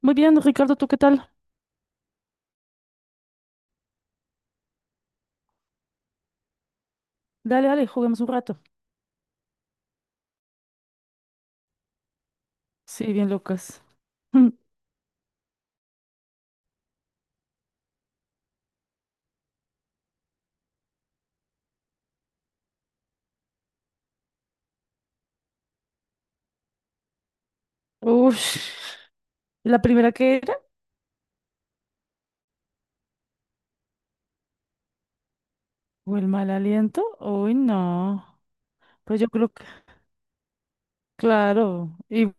Muy bien, Ricardo, ¿tú qué tal? Dale, juguemos un rato. Sí, bien, Lucas. Uff, ¿la primera que era? ¿O el mal aliento? Uy, no. Pues yo creo que, claro. Y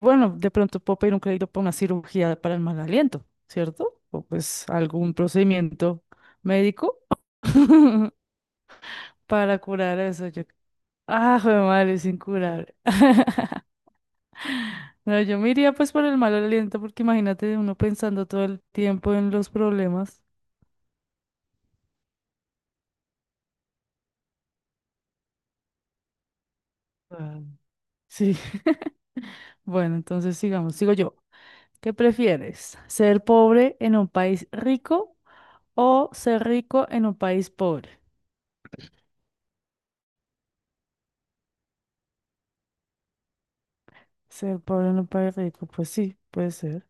bueno, de pronto puedo pedir un crédito para una cirugía para el mal aliento, ¿cierto? O pues algún procedimiento médico para curar eso. Yo... Ah, joder, madre, es incurable. No, yo me iría pues por el mal aliento, porque imagínate uno pensando todo el tiempo en los problemas. Sí. Bueno, entonces sigamos. Sigo yo. ¿Qué prefieres? ¿Ser pobre en un país rico o ser rico en un país pobre? Ser pobre en un país rico, pues sí, puede ser.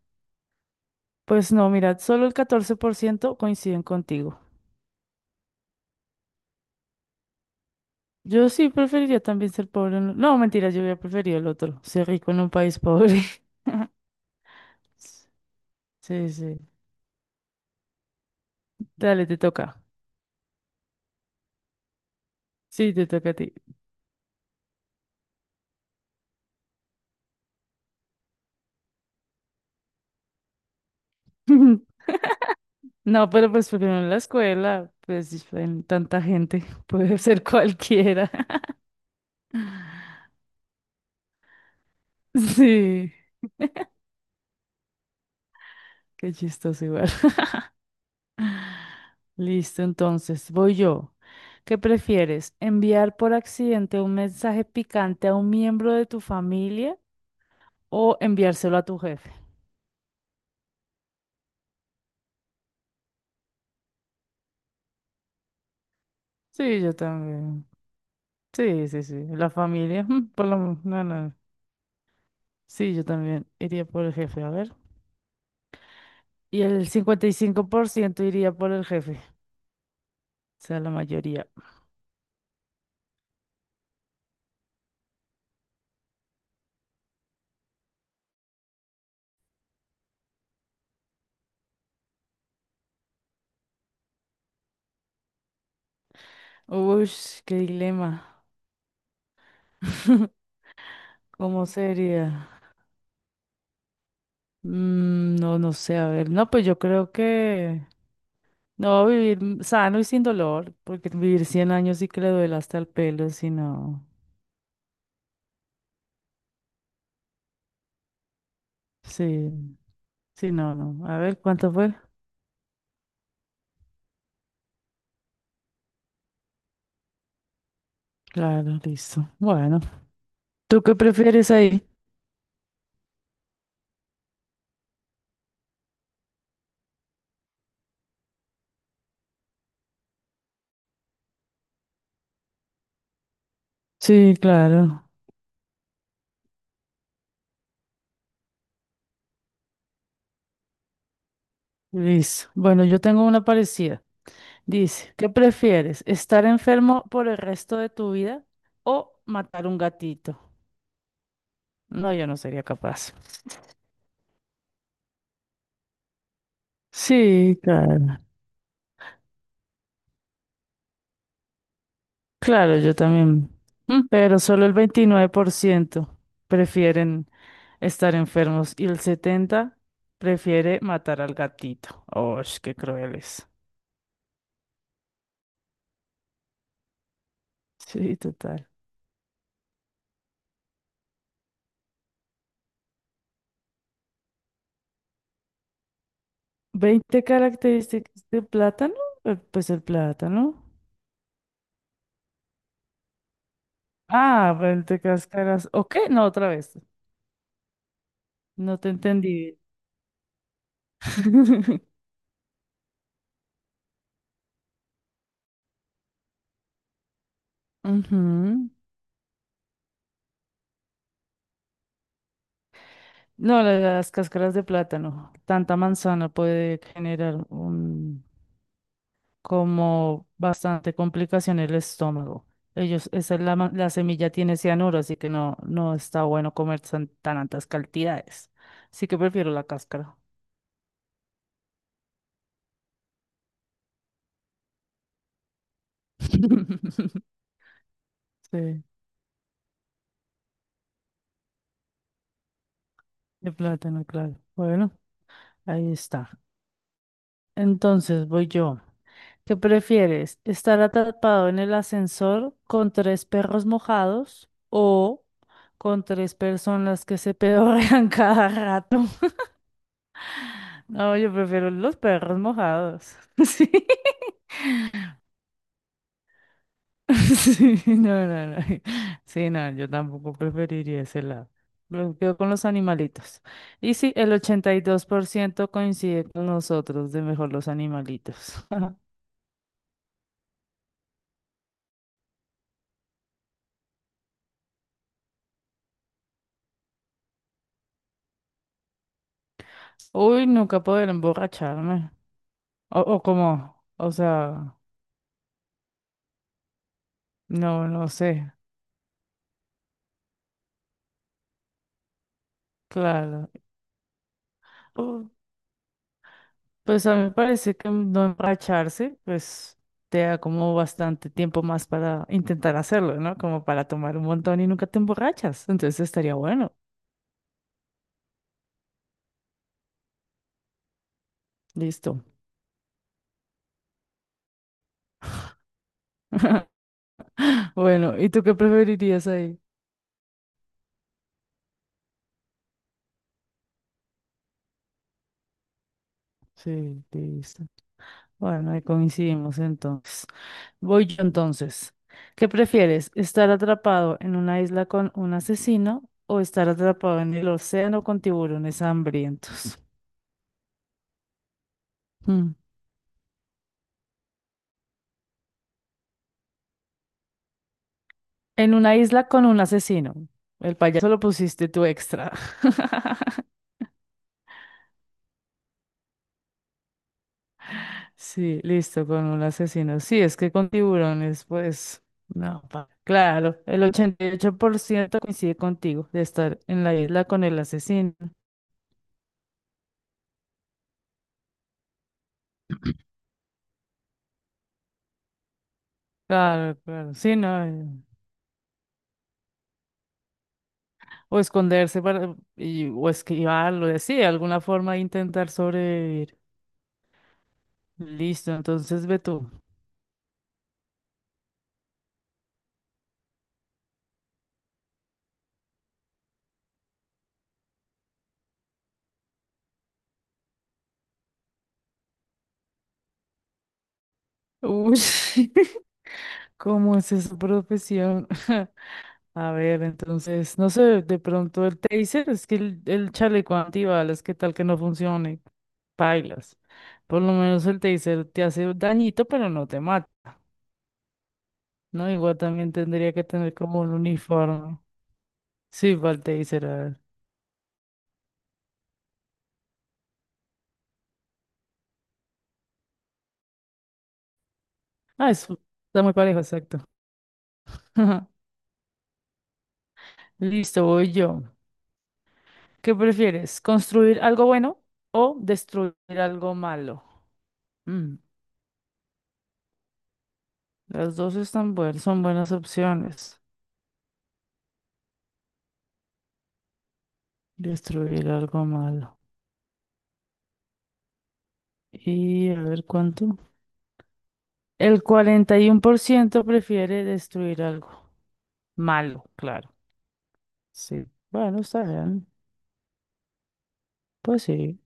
Pues no, mirad, solo el 14% coinciden contigo. Yo sí preferiría también ser pobre en... No, mentira, yo hubiera preferido el otro, ser rico en un país pobre. Sí, sí. Dale, te toca. Sí, te toca a ti. No, pero pues primero en la escuela, pues en tanta gente, puede ser cualquiera. Sí, qué chistoso igual. Listo, entonces voy yo. ¿Qué prefieres? ¿Enviar por accidente un mensaje picante a un miembro de tu familia o enviárselo a tu jefe? Sí, yo también. Sí. La familia, por lo menos. No, no. Sí, yo también iría por el jefe, a ver. Y el 55% iría por el jefe. Sea, la mayoría. Uy, qué dilema. ¿Cómo sería? No, no sé. A ver. No, pues yo creo que no vivir sano y sin dolor, porque vivir 100 años sí que le duele hasta el pelo, si no. Sí, sí, no, no. A ver, ¿cuánto fue? Claro, listo. Bueno, ¿tú qué prefieres ahí? Sí, claro. Listo. Bueno, yo tengo una parecida. Dice, ¿qué prefieres? ¿Estar enfermo por el resto de tu vida o matar un gatito? No, yo no sería capaz. Sí, claro. Claro, yo también. Pero solo el 29% prefieren estar enfermos y el 70% prefiere matar al gatito. ¡Oh, qué crueles! Sí, total. Veinte características de plátano. Pues el plátano. Ah, el de Cáscaras. ¿O qué? No, otra vez. No te entendí. Ujú. No, las cáscaras de plátano. Tanta manzana puede generar un, como bastante complicación en el estómago. Ellos, esa es la, la semilla tiene cianuro, así que no, no está bueno comer tan altas cantidades. Así que prefiero la cáscara. Sí, de plátano, claro. Bueno, ahí está. Entonces voy yo. ¿Qué prefieres? ¿Estar atrapado en el ascensor con tres perros mojados o con tres personas que se pedorrean cada rato? No, yo prefiero los perros mojados. Sí. Sí, no. Sí, no, yo tampoco preferiría ese lado. Me quedo con los animalitos. Y sí, el 82% coincide con nosotros de mejor los animalitos. Uy, nunca poder emborracharme. O como, o sea. No, no sé, claro. Pu- Pues a mí me parece que no emborracharse, pues te da como bastante tiempo más para intentar hacerlo, ¿no? Como para tomar un montón y nunca te emborrachas. Entonces estaría bueno. Listo. Bueno, ¿y tú qué preferirías ahí? Sí, listo. Bueno, ahí coincidimos entonces. Voy yo entonces. ¿Qué prefieres? ¿Estar atrapado en una isla con un asesino o estar atrapado en el océano con tiburones hambrientos? Hmm. En una isla con un asesino. El payaso lo pusiste tú extra. Sí, listo, con un asesino. Sí, es que con tiburones, pues, no. Claro, el 88% coincide contigo de estar en la isla con el asesino. Claro, claro, sí, no. O esconderse para, o esquivarlo, sí, de alguna forma intentar sobrevivir. Listo, entonces ve tú. Uy, ¿cómo es esa profesión? A ver, entonces, no sé, de pronto el taser, es que el chaleco antibalas, ¿qué tal que no funcione? Pailas. Por lo menos el taser te hace dañito, pero no te mata, ¿no? Igual también tendría que tener como un uniforme. Sí, va el taser, a ver. Ah, eso está muy parejo, exacto. Listo, voy yo. ¿Qué prefieres? ¿Construir algo bueno o destruir algo malo? Mm, las dos están buenas, son buenas opciones. Destruir algo malo. Y a ver cuánto. El 41% prefiere destruir algo. Malo, claro. Sí. Bueno, está bien. Pues sí.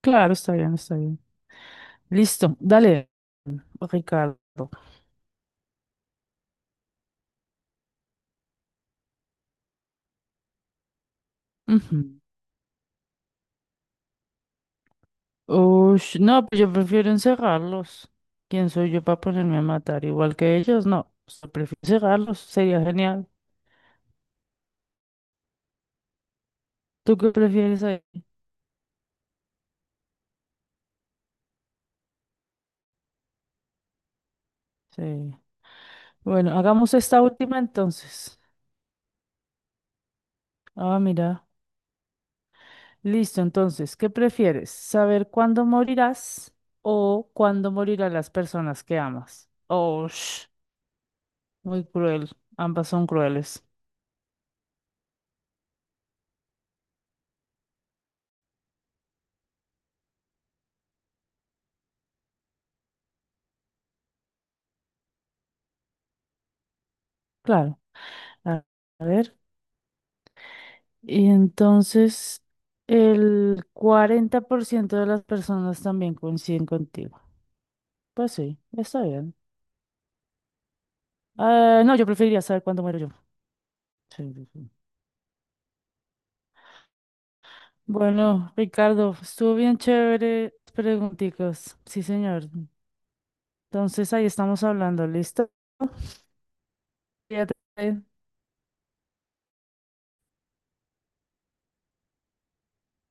Claro, está bien, está bien. Listo. Dale, Ricardo. Ujú. Ush, no, pues yo prefiero encerrarlos. ¿Quién soy yo para ponerme a matar? Igual que ellos, no. O sea, prefiero encerrarlos. Sería genial. ¿Tú qué prefieres ahí? Sí. Bueno, hagamos esta última entonces. Ah, mira. Listo, entonces, ¿qué prefieres? ¿Saber cuándo morirás o cuándo morirán las personas que amas? Oh, sh, muy cruel. Ambas son crueles. Claro. A a ver. Y entonces, el 40% de las personas también coinciden contigo. Pues sí, está bien. Ah, no, yo preferiría saber cuándo muero yo. Sí. Bueno, Ricardo, estuvo bien chévere. Pregunticos. Sí, señor. Entonces, ahí estamos hablando. ¿Listo? Cuídate.